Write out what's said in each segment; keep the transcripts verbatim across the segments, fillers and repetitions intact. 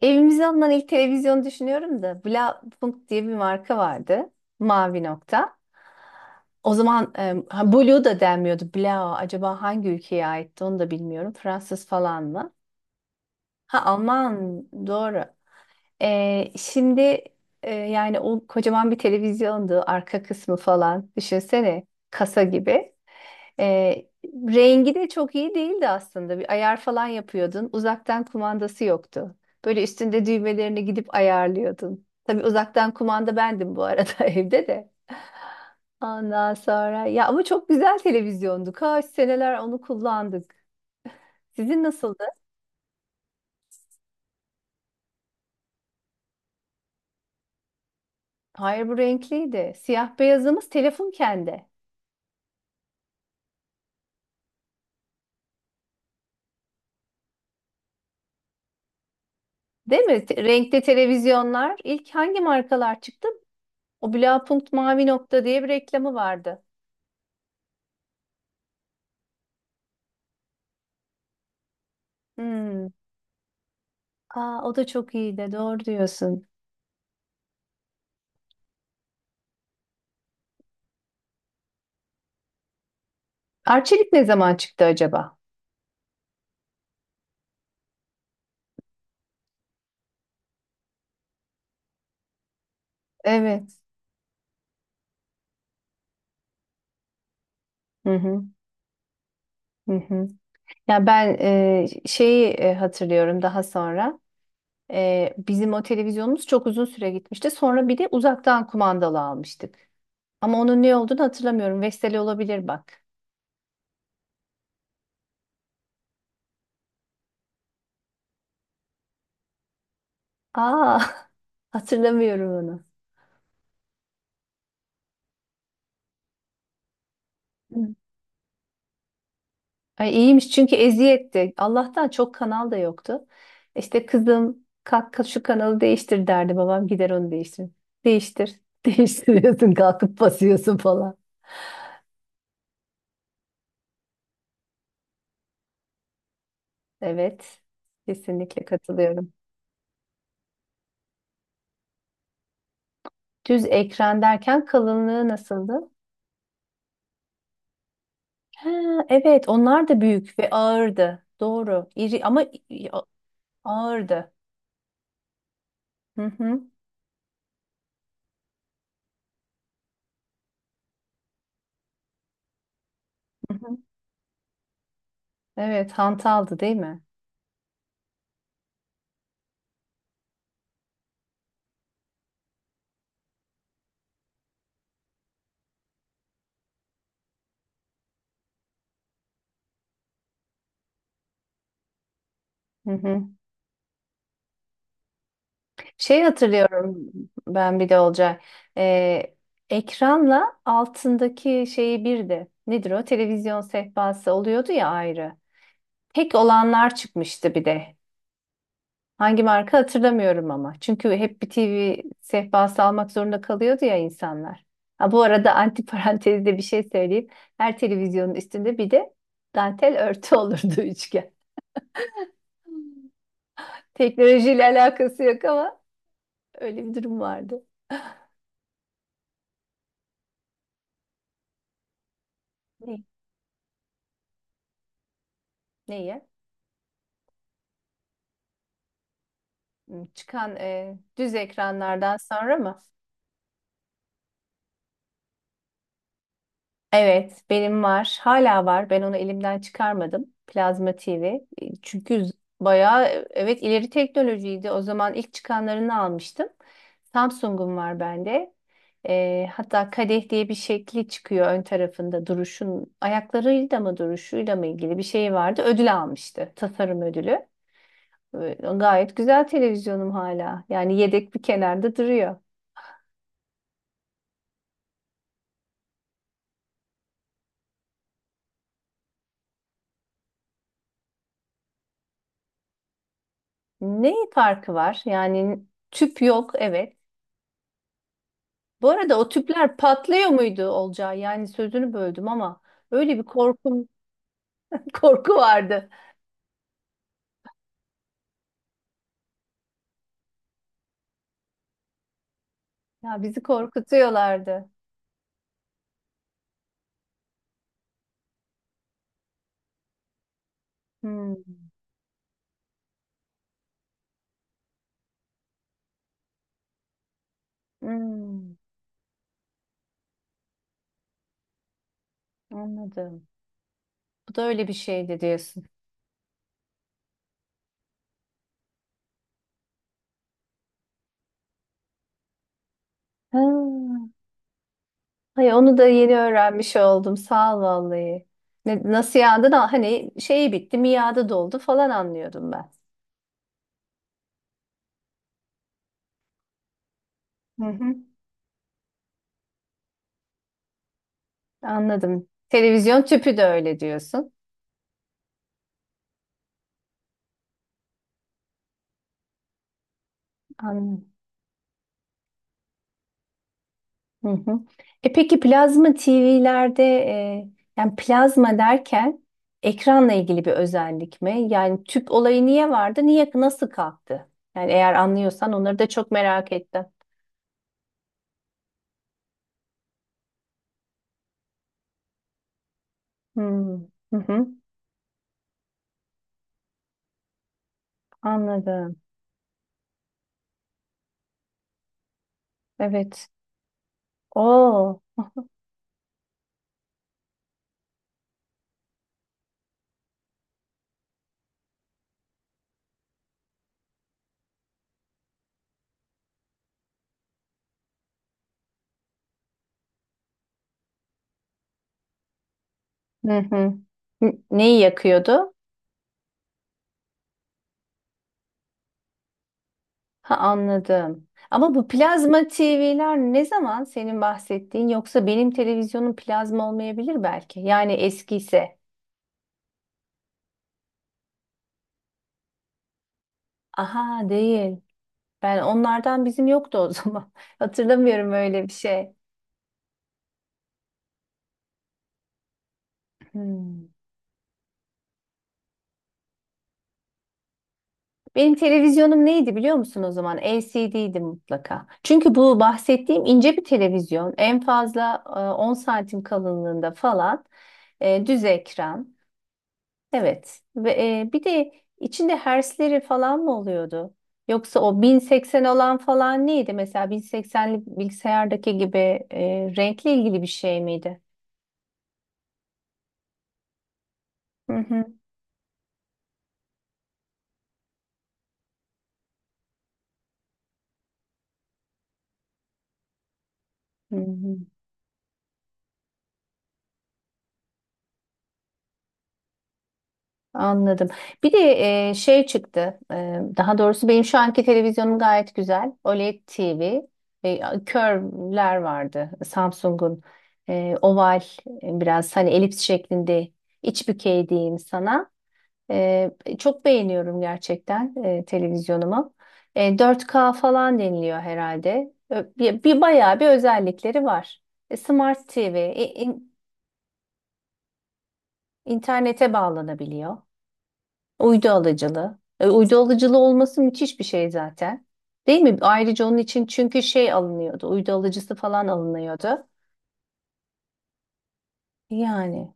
Evimize alınan ilk televizyonu düşünüyorum da Blaupunkt diye bir marka vardı. Mavi nokta. O zaman e, ha, Blue da denmiyordu. Blau acaba hangi ülkeye aitti onu da bilmiyorum. Fransız falan mı? Ha Alman doğru. E, şimdi e, yani o kocaman bir televizyondu. Arka kısmı falan düşünsene kasa gibi. Ee, rengi de çok iyi değildi aslında. Bir ayar falan yapıyordun. Uzaktan kumandası yoktu. Böyle üstünde düğmelerini gidip ayarlıyordun. Tabii uzaktan kumanda bendim bu arada evde de. Ondan sonra ya ama çok güzel televizyondu. Kaç seneler onu kullandık. Sizin nasıldı? Hayır bu renkliydi. Siyah beyazımız telefon kendi. Değil mi? Te- Renkli televizyonlar ilk hangi markalar çıktı? O Blaupunkt Mavi Nokta diye bir reklamı vardı. Hmm. Aa, o da çok iyi de doğru diyorsun. Arçelik ne zaman çıktı acaba? Evet. Hı hı, hı hı. Ya ben e, şeyi e, hatırlıyorum daha sonra. E, bizim o televizyonumuz çok uzun süre gitmişti. Sonra bir de uzaktan kumandalı almıştık. Ama onun ne olduğunu hatırlamıyorum. Vestel olabilir bak. Aa, hatırlamıyorum onu. Ay iyiymiş çünkü eziyetti. Allah'tan çok kanal da yoktu. İşte kızım kalk kalk şu kanalı değiştir derdi babam gider onu değiştirir. Değiştir. Değiştiriyorsun kalkıp basıyorsun falan. Evet. Kesinlikle katılıyorum. Düz ekran derken kalınlığı nasıldı? Ha, evet onlar da büyük ve ağırdı. Doğru. İri ama i- i- ağırdı. Hı hı. Hı hı. Evet hantaldı değil mi? Hı hı. Şey hatırlıyorum ben bir de Olcay. Ee, Ekranla altındaki şeyi birdi. Nedir o? Televizyon sehpası oluyordu ya ayrı. Tek olanlar çıkmıştı bir de. Hangi marka hatırlamıyorum ama. Çünkü hep bir T V sehpası almak zorunda kalıyordu ya insanlar. Ha, bu arada antiparantezde bir şey söyleyeyim. Her televizyonun üstünde bir de dantel örtü olurdu üçgen. Teknolojiyle alakası yok ama öyle bir durum vardı. Ne? Neyi? Çıkan e, düz ekranlardan sonra mı? Evet, benim var. Hala var. Ben onu elimden çıkarmadım. Plazma T V. E, Çünkü z- bayağı e, evet ileri teknolojiydi. O zaman ilk çıkanlarını almıştım. Samsung'um var bende. E, hatta kadeh diye bir şekli çıkıyor ön tarafında duruşun ayaklarıyla mı duruşuyla mı ilgili bir şey vardı. Ödül almıştı. Tasarım ödülü. E, Gayet güzel televizyonum hala. Yani yedek bir kenarda duruyor. Ne farkı var? Yani tüp yok, evet. Bu arada o tüpler patlıyor muydu Olcay? Yani sözünü böldüm ama öyle bir korkum korku vardı. Ya bizi korkutuyorlardı. Hmm, hmm, anladım. Bu da öyle bir şeydi diyorsun. Ha, ay onu da yeni öğrenmiş oldum. Sağ ol vallahi. Ne, nasıl yağdı da hani şeyi bitti, miadı doldu falan anlıyordum ben. Hı hı. Anladım. Televizyon tüpü de öyle diyorsun. Anladım. Hı hı. E peki plazma T V'lerde e, yani plazma derken ekranla ilgili bir özellik mi? Yani tüp olayı niye vardı? Niye nasıl kalktı? Yani eğer anlıyorsan onları da çok merak ettim. Hmm. Hı hı. Anladım. Evet. Oo. Hı hı. N- Neyi yakıyordu? Ha anladım. Ama bu plazma T V'ler ne zaman senin bahsettiğin yoksa benim televizyonum plazma olmayabilir belki. Yani eskiyse. Aha değil. Ben onlardan bizim yoktu o zaman. Hatırlamıyorum öyle bir şey. Hmm. Benim televizyonum neydi biliyor musun o zaman? L C D'ydi mutlaka. Çünkü bu bahsettiğim ince bir televizyon. En fazla e, on santim kalınlığında falan e, düz ekran. Evet. Ve e, bir de içinde hertzleri falan mı oluyordu? Yoksa o bin seksen olan falan neydi? Mesela bin seksenli bilgisayardaki gibi e, renkle ilgili bir şey miydi? Hı hı. Hı hı. Anladım. Bir de e, şey çıktı. E, daha doğrusu benim şu anki televizyonum gayet güzel. O L E D T V. E, Curve'ler vardı. Samsung'un e, oval e, biraz hani elips şeklinde iç bükey diyeyim sana. E, Çok beğeniyorum gerçekten e, televizyonumu. E, dört K falan deniliyor herhalde. Ö- Bir, bir bayağı bir özellikleri var. E, Smart T V. e, in- internete bağlanabiliyor. Uydu alıcılı, E, uydu alıcılı olması müthiş bir şey zaten. Değil mi? Ayrıca onun için çünkü şey alınıyordu. Uydu alıcısı falan alınıyordu. Yani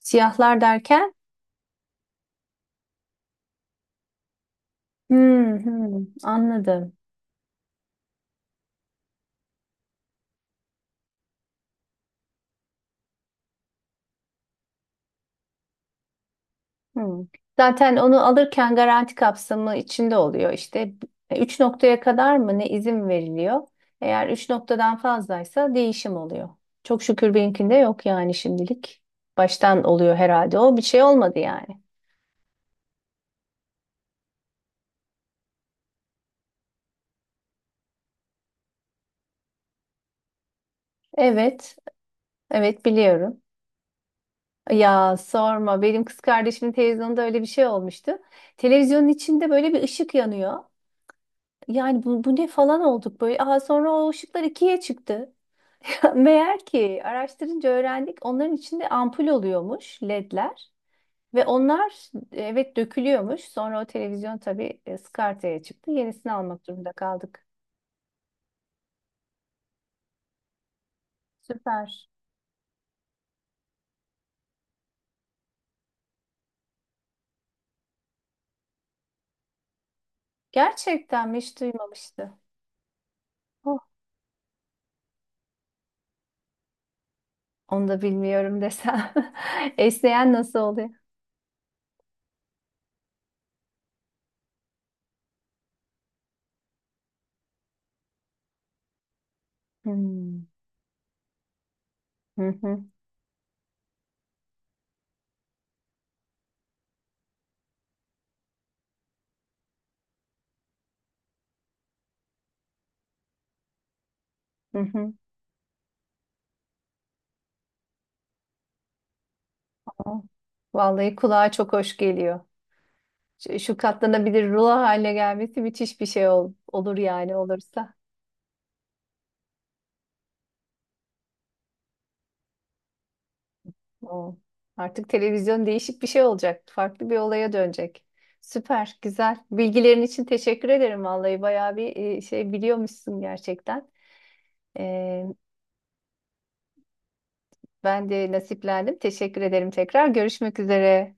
siyahlar derken hmm, hmm, anladım. Hmm. Zaten onu alırken garanti kapsamı içinde oluyor. İşte E, üç noktaya kadar mı ne izin veriliyor? Eğer üç noktadan fazlaysa değişim oluyor. Çok şükür benimkinde yok yani şimdilik. Baştan oluyor herhalde. O bir şey olmadı yani. Evet, evet biliyorum. Ya sorma. Benim kız kardeşimin televizyonda öyle bir şey olmuştu. Televizyonun içinde böyle bir ışık yanıyor. Yani bu, bu ne falan olduk böyle. Aa, sonra o ışıklar ikiye çıktı. Meğer ki araştırınca öğrendik onların içinde ampul oluyormuş ledler. Ve onlar evet dökülüyormuş. Sonra o televizyon tabii e, skartaya çıktı. Yenisini almak durumunda kaldık. Süper. Gerçekten mi? Hiç duymamıştı. Oh, onu da bilmiyorum desem. Esneyen nasıl oluyor? Hmm. Hı hı. Oh. Vallahi kulağa çok hoş geliyor. Şu, şu katlanabilir rulo haline gelmesi müthiş bir şey ol- olur yani olursa. Oh. Artık televizyon değişik bir şey olacak. Farklı bir olaya dönecek. Süper, güzel. Bilgilerin için teşekkür ederim vallahi. Bayağı bir e, şey biliyormuşsun gerçekten. Ee, Ben de nasiplendim. Teşekkür ederim tekrar. Görüşmek üzere.